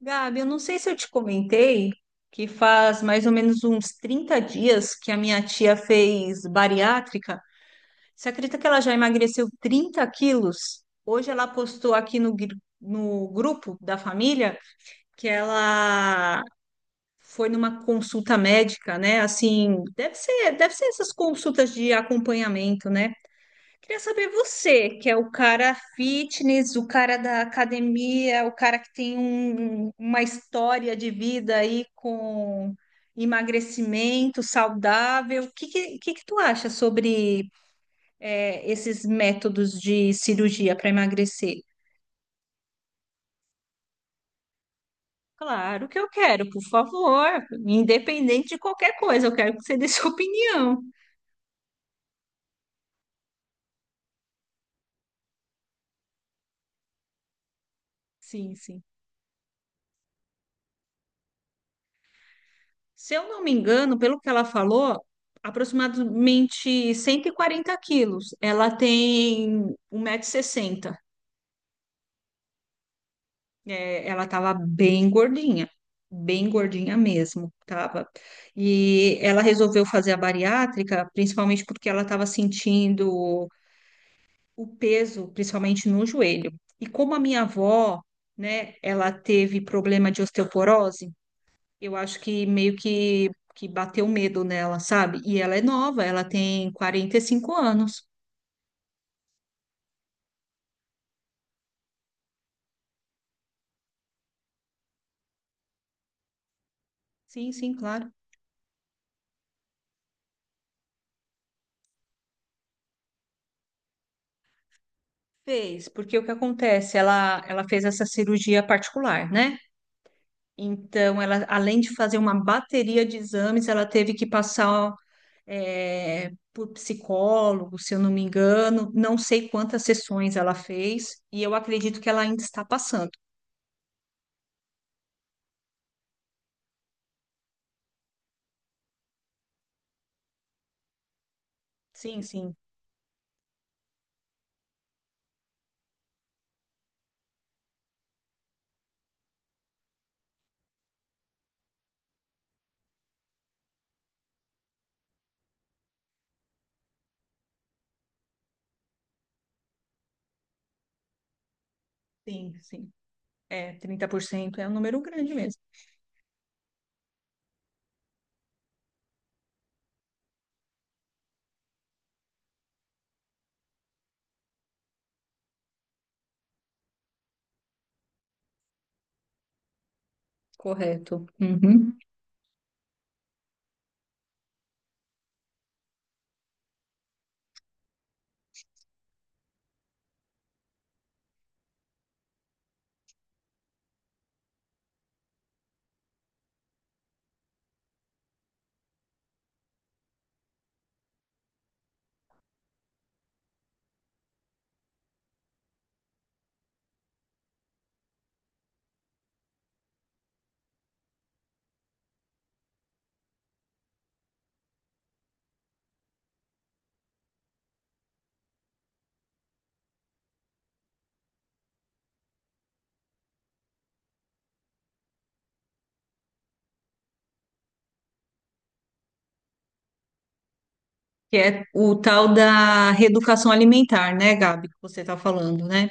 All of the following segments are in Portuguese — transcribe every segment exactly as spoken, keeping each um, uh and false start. Gabi, eu não sei se eu te comentei que faz mais ou menos uns trinta dias que a minha tia fez bariátrica. Você acredita que ela já emagreceu trinta quilos? Hoje ela postou aqui no, gr- no grupo da família que ela foi numa consulta médica, né? Assim, deve ser, deve ser essas consultas de acompanhamento, né? Queria saber você, que é o cara fitness, o cara da academia, o cara que tem um- uma história de vida aí com emagrecimento saudável. O que, que, que que tu acha sobre é, esses métodos de cirurgia para emagrecer? Claro que eu quero, por favor, independente de qualquer coisa, eu quero que você dê sua opinião. Sim, sim. Se eu não me engano, pelo que ela falou, aproximadamente cento e quarenta quilos. Ela tem um 1,60m. É, ela estava bem gordinha, bem gordinha mesmo, tava. E ela resolveu fazer a bariátrica, principalmente porque ela estava sentindo o peso, principalmente no joelho. E como a minha avó, né, ela teve problema de osteoporose. Eu acho que meio que, que bateu medo nela, sabe? E ela é nova, ela tem quarenta e cinco anos. Sim, sim, claro. Fez, porque o que acontece? Ela, ela fez essa cirurgia particular, né? Então, ela, além de fazer uma bateria de exames, ela teve que passar é, por psicólogo, se eu não me engano. Não sei quantas sessões ela fez, e eu acredito que ela ainda está passando. Sim, sim, sim, sim. É, trinta por cento é um número grande mesmo. Correto. Uhum. Que é o tal da reeducação alimentar, né, Gabi, que você está falando, né?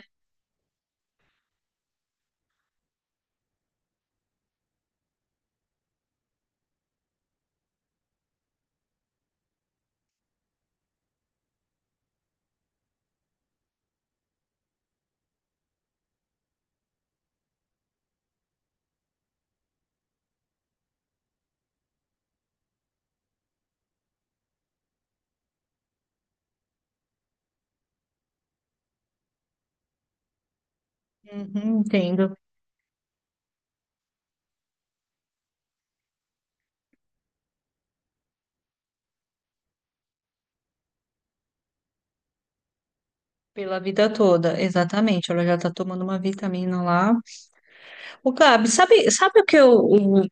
Uhum, entendo. Pela vida toda, exatamente. Ela já está tomando uma vitamina lá. O Gabi, sabe, sabe o que eu, o-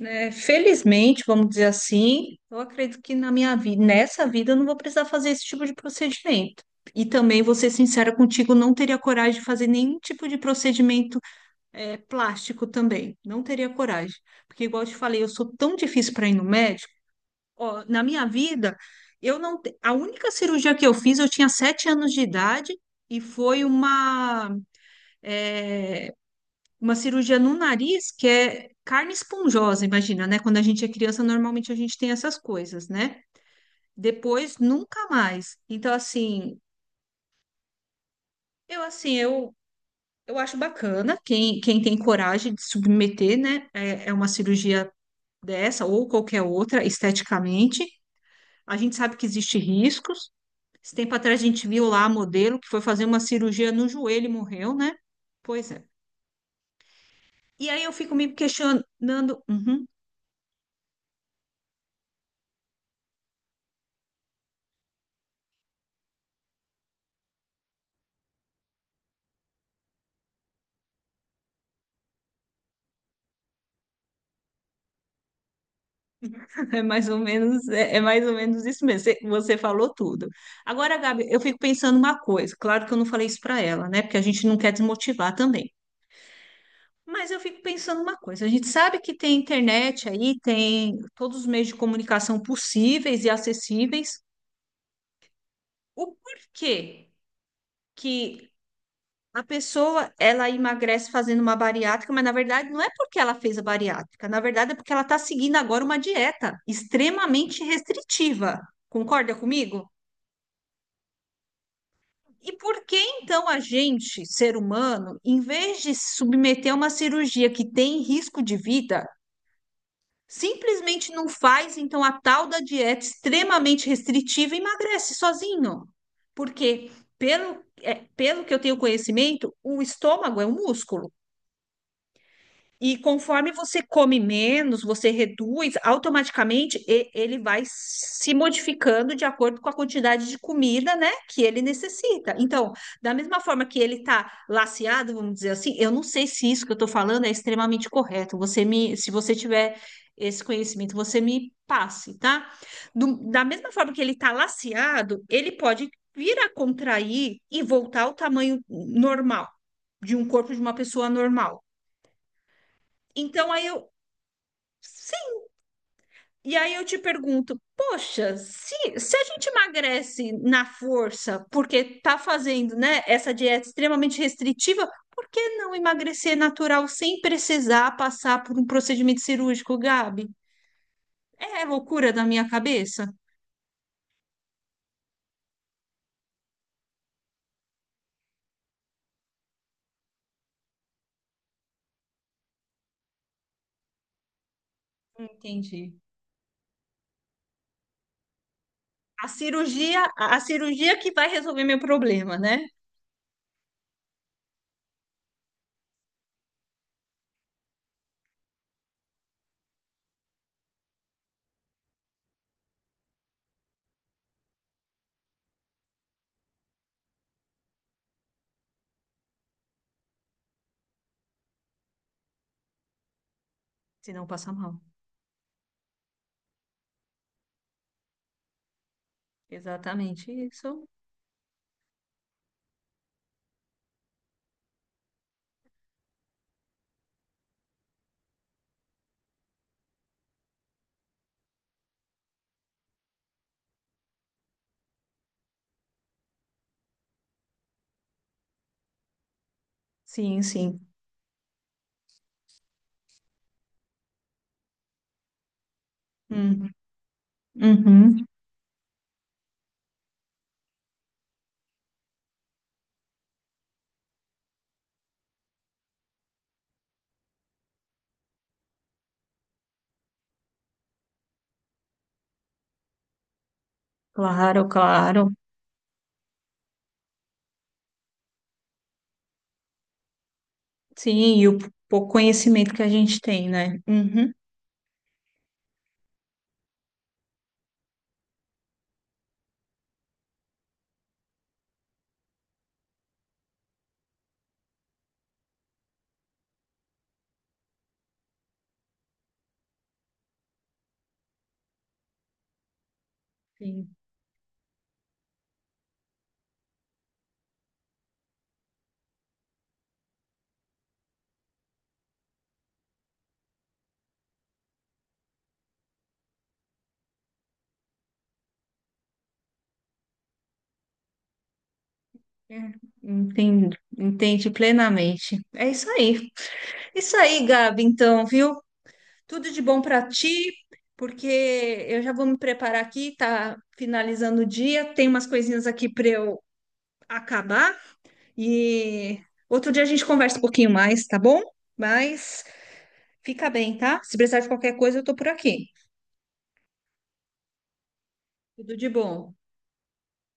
né, felizmente, vamos dizer assim, eu acredito que na minha vida, nessa vida, eu não vou precisar fazer esse tipo de procedimento. E também, vou ser sincera contigo, não teria coragem de fazer nenhum tipo de procedimento é, plástico também. Não teria coragem. Porque, igual eu te falei, eu sou tão difícil para ir no médico. Ó, na minha vida, eu não. te- A única cirurgia que eu fiz, eu tinha sete anos de idade e foi uma, é, uma cirurgia no nariz que é carne esponjosa, imagina, né? Quando a gente é criança, normalmente a gente tem essas coisas, né? Depois, nunca mais. Então, assim, eu assim, eu. Eu acho bacana quem, quem tem coragem de submeter, né? É, é uma cirurgia dessa ou qualquer outra esteticamente. A gente sabe que existem riscos. Esse tempo atrás a gente viu lá a modelo que foi fazer uma cirurgia no joelho e morreu, né? Pois é. E aí eu fico me questionando. Uhum. É mais ou menos, é, é mais ou menos isso mesmo. Você, você falou tudo. Agora, Gabi, eu fico pensando uma coisa. Claro que eu não falei isso para ela, né? Porque a gente não quer desmotivar também. Mas eu fico pensando uma coisa. A gente sabe que tem internet aí, tem todos os meios de comunicação possíveis e acessíveis. O porquê que a pessoa ela emagrece fazendo uma bariátrica, mas na verdade não é porque ela fez a bariátrica, na verdade é porque ela está seguindo agora uma dieta extremamente restritiva. Concorda comigo? E por que então a gente, ser humano, em vez de se submeter a uma cirurgia que tem risco de vida, simplesmente não faz, então a tal da dieta extremamente restritiva emagrece sozinho. Porque, pelo, é, pelo que eu tenho conhecimento, o estômago é um músculo. E conforme você come menos, você reduz, automaticamente e- ele vai se modificando de acordo com a quantidade de comida, né, que ele necessita. Então, da mesma forma que ele está laceado, vamos dizer assim, eu não sei se isso que eu estou falando é extremamente correto. Você me, se você tiver esse conhecimento, você me passe, tá? Do- da mesma forma que ele está laceado, ele pode vir a contrair e voltar ao tamanho normal de um corpo de uma pessoa normal. Então, aí eu, sim. E aí eu te pergunto, poxa, se, se a gente emagrece na força, porque tá fazendo, né, essa dieta extremamente restritiva, por que não emagrecer natural sem precisar passar por um procedimento cirúrgico, Gabi? É é loucura da minha cabeça. Entendi. A cirurgia, a a cirurgia que vai resolver meu problema, né? Se não passar mal. Exatamente isso. Sim, sim. Hum, uhum. Claro, claro. Sim, e o pouco conhecimento que a gente tem, né? Uhum. Sim. É, entendo, entende plenamente. É isso aí. Isso aí, Gabi, então, viu? Tudo de bom para ti, porque eu já vou me preparar aqui, tá finalizando o dia, tem umas coisinhas aqui para eu acabar e outro dia a gente conversa um pouquinho mais, tá bom? Mas fica bem, tá? Se precisar de qualquer coisa, eu tô por aqui. Tudo de bom.